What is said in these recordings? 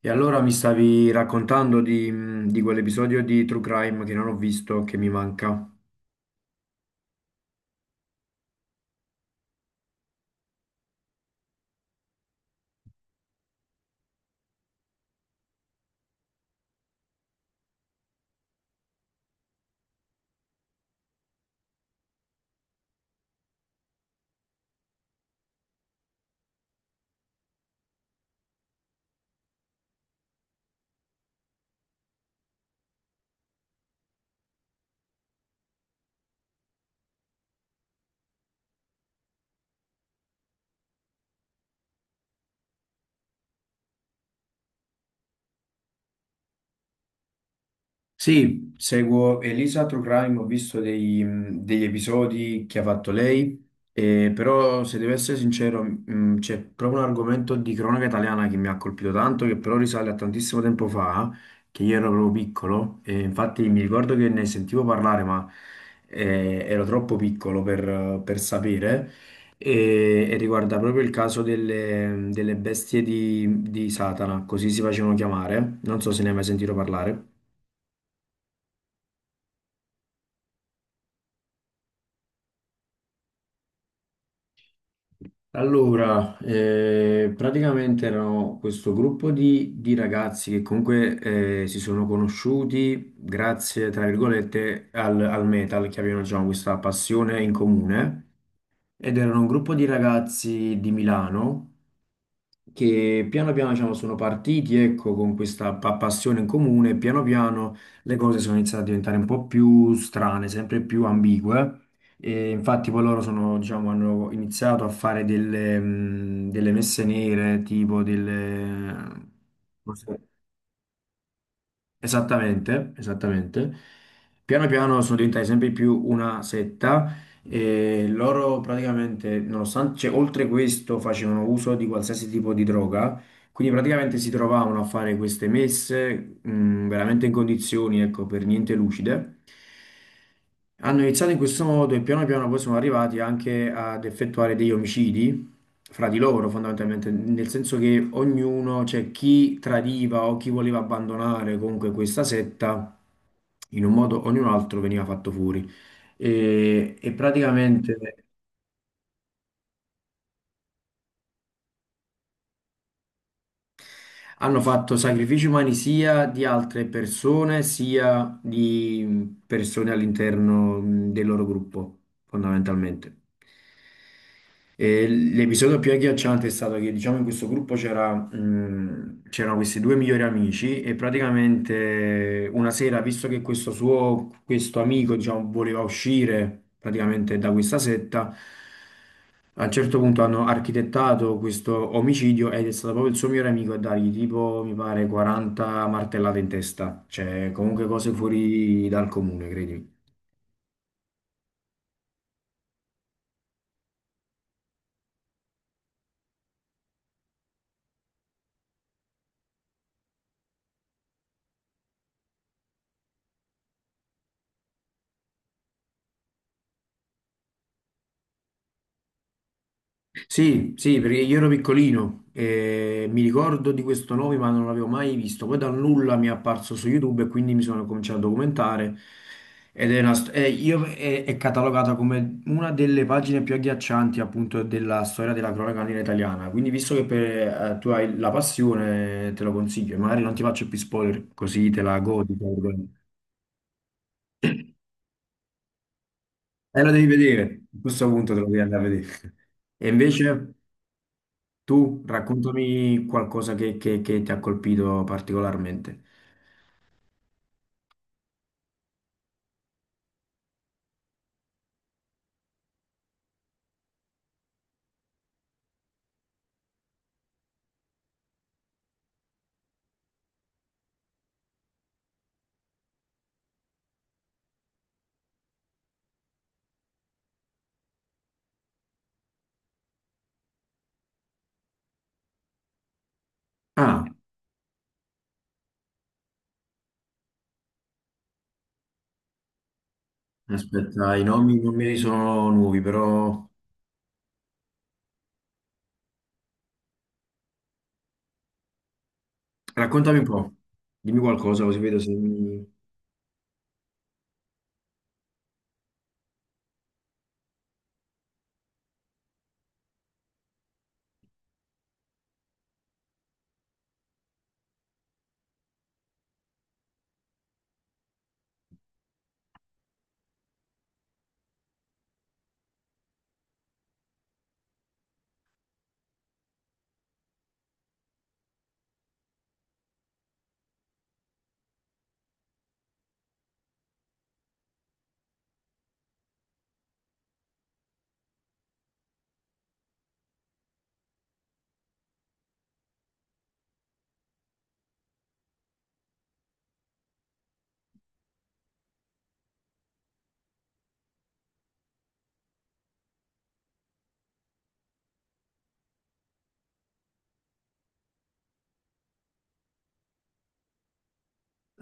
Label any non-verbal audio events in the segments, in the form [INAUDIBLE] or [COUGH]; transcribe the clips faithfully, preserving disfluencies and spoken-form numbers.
E allora mi stavi raccontando di, mh, di quell'episodio di True Crime che non ho visto, che mi manca. Sì, seguo Elisa True Crime, ho visto dei- mh, degli episodi che ha fatto lei, eh, però se devo essere sincero, mh, c'è proprio un argomento di cronaca italiana che mi ha colpito tanto, che però risale a tantissimo tempo fa, che io ero proprio piccolo, e infatti mi ricordo che ne sentivo parlare, ma eh, ero troppo piccolo per, per, sapere, e, e riguarda proprio il caso delle, delle, bestie di, di Satana, così si facevano chiamare, non so se ne hai mai sentito parlare. Allora, eh, praticamente erano questo gruppo di, di, ragazzi che comunque eh, si sono conosciuti grazie, tra virgolette, al, al metal, che avevano diciamo, questa passione in comune, ed erano un gruppo di ragazzi di Milano che piano piano diciamo, sono partiti ecco, con questa pa- passione in comune, piano piano le cose sono iniziate a diventare un po' più strane, sempre più ambigue. E infatti poi loro sono, diciamo, hanno iniziato a fare delle, mh, delle messe nere, tipo delle. Esattamente, esattamente. Piano piano sono diventate sempre più una setta e loro praticamente, nonostante, cioè, oltre questo, facevano uso di qualsiasi tipo di droga, quindi praticamente si trovavano a fare queste messe, mh, veramente in condizioni, ecco, per niente lucide. Hanno iniziato in questo modo e piano piano poi sono arrivati anche ad effettuare degli omicidi fra di loro, fondamentalmente, nel senso che ognuno, cioè chi tradiva o chi voleva abbandonare comunque questa setta, in un modo o in un altro veniva fatto fuori. E, e praticamente hanno fatto sacrifici umani sia di altre persone, sia di persone all'interno mh, del loro gruppo, fondamentalmente. E l'episodio più agghiacciante è stato che, diciamo, in questo gruppo c'era, mh, c'erano questi due migliori amici e praticamente una sera, visto che questo suo, questo amico, diciamo, voleva uscire praticamente da questa setta, a un certo punto hanno architettato questo omicidio ed è stato proprio il suo migliore amico a dargli tipo, mi pare, quaranta martellate in testa, cioè comunque cose fuori dal comune, credimi. Sì, sì, perché io ero piccolino e mi ricordo di questo nome, ma non l'avevo mai visto. Poi dal nulla mi è apparso su YouTube e quindi mi sono cominciato a documentare. Ed è, una st- è- io- è- è catalogata come una delle pagine più agghiaccianti appunto della storia della cronaca nera italiana. Quindi, visto che per- eh, tu hai la passione, te lo consiglio. E magari non ti faccio più spoiler, così te la godi, tra virgolette. E lo devi vedere. A questo punto te lo devi andare a vedere. [LAUGHS] E invece. Tu raccontami qualcosa che, che- che ti ha colpito particolarmente. Ah, aspetta, i nomi non mi sono nuovi, però raccontami un po', dimmi qualcosa così vedo se mi.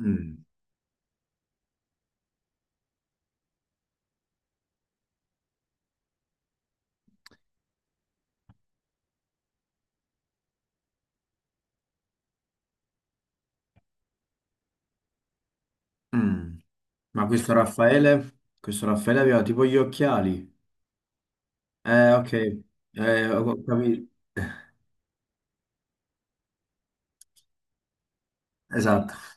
Mm, mm. Ma questo Raffaele, questo Raffaele aveva tipo gli occhiali. Eh, ok, eh, ho capito. Esatto.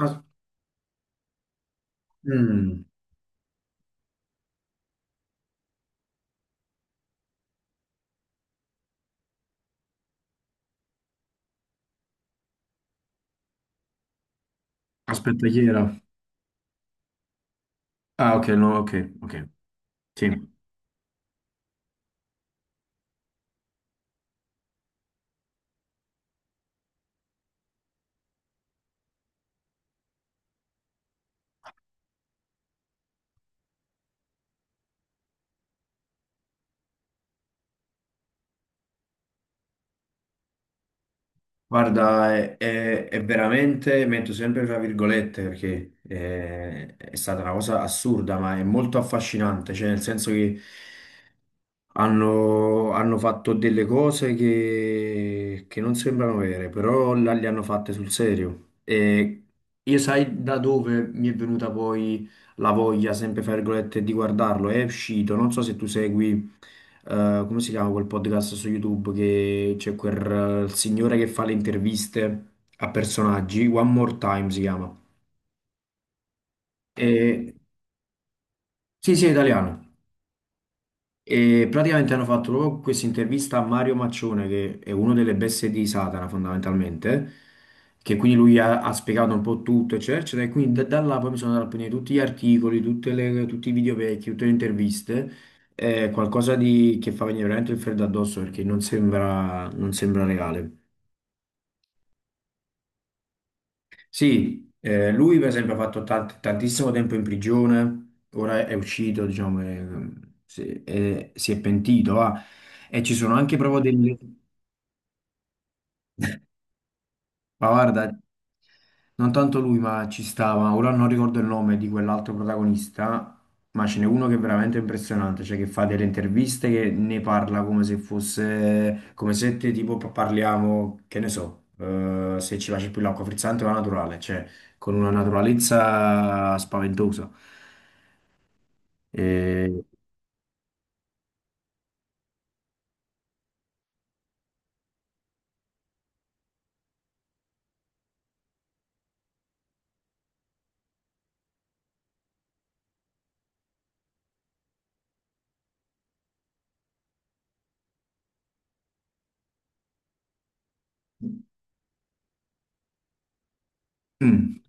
As- mm. Aspetta, chi era? Ah, ok, no, ok, ok, sì. Guarda, è, è- è veramente, metto sempre tra virgolette perché eh, è, stata una cosa assurda, ma è molto affascinante, cioè nel senso che hanno, hanno fatto delle cose che, che non sembrano vere, però là le hanno fatte sul serio. E io sai da dove mi è venuta poi la voglia, sempre fra virgolette, di guardarlo. È uscito, non so se tu segui, eh, come si chiama quel podcast su YouTube che c'è quel eh, signore che fa le interviste a personaggi, One More Time si chiama. E, sì, sì, è italiano. E praticamente hanno fatto proprio questa intervista a Mario Maccione, che è uno delle bestie di Satana fondamentalmente, che quindi lui ha, ha spiegato un po' tutto, eccetera, eccetera, e quindi da, da, là poi mi sono andato a prendere tutti gli articoli, tutte le- tutti i video vecchi, tutte le interviste, eh, qualcosa di, che fa venire veramente il freddo addosso perché non sembra, non sembra reale. Sì, eh, lui per esempio ha fatto tant- tantissimo tempo in prigione, ora è uscito, diciamo, e, mm, si, e si è pentito, va. E ci sono anche proprio delle. Pentito. Ma guarda, non tanto lui, ma ci stava. Ora non ricordo il nome di quell'altro protagonista, ma ce n'è uno che è veramente impressionante, cioè che fa delle interviste che ne parla come se fosse, come se te, tipo pa- parliamo, che ne so, eh, se ci piace più l'acqua frizzante o la naturale, cioè con una naturalezza spaventosa. E. Mm,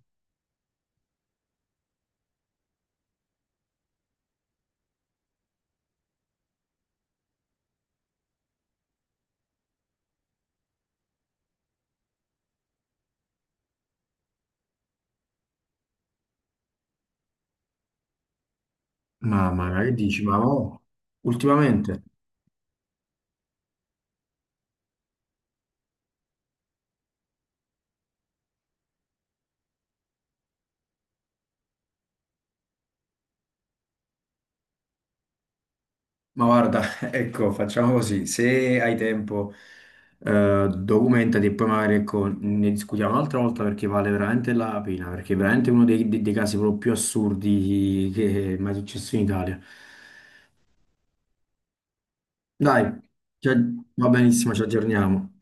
mamma mia, che dici? Ma oh, ultimamente. Ma guarda, [LAUGHS] ecco, facciamo così, se hai tempo, eh, documentati e poi magari ecco, ne discutiamo un'altra volta perché vale veramente la pena, perché è veramente uno dei, dei- dei casi proprio più assurdi che è mai successo in Italia. Dai, ci ag- va benissimo, ci aggiorniamo.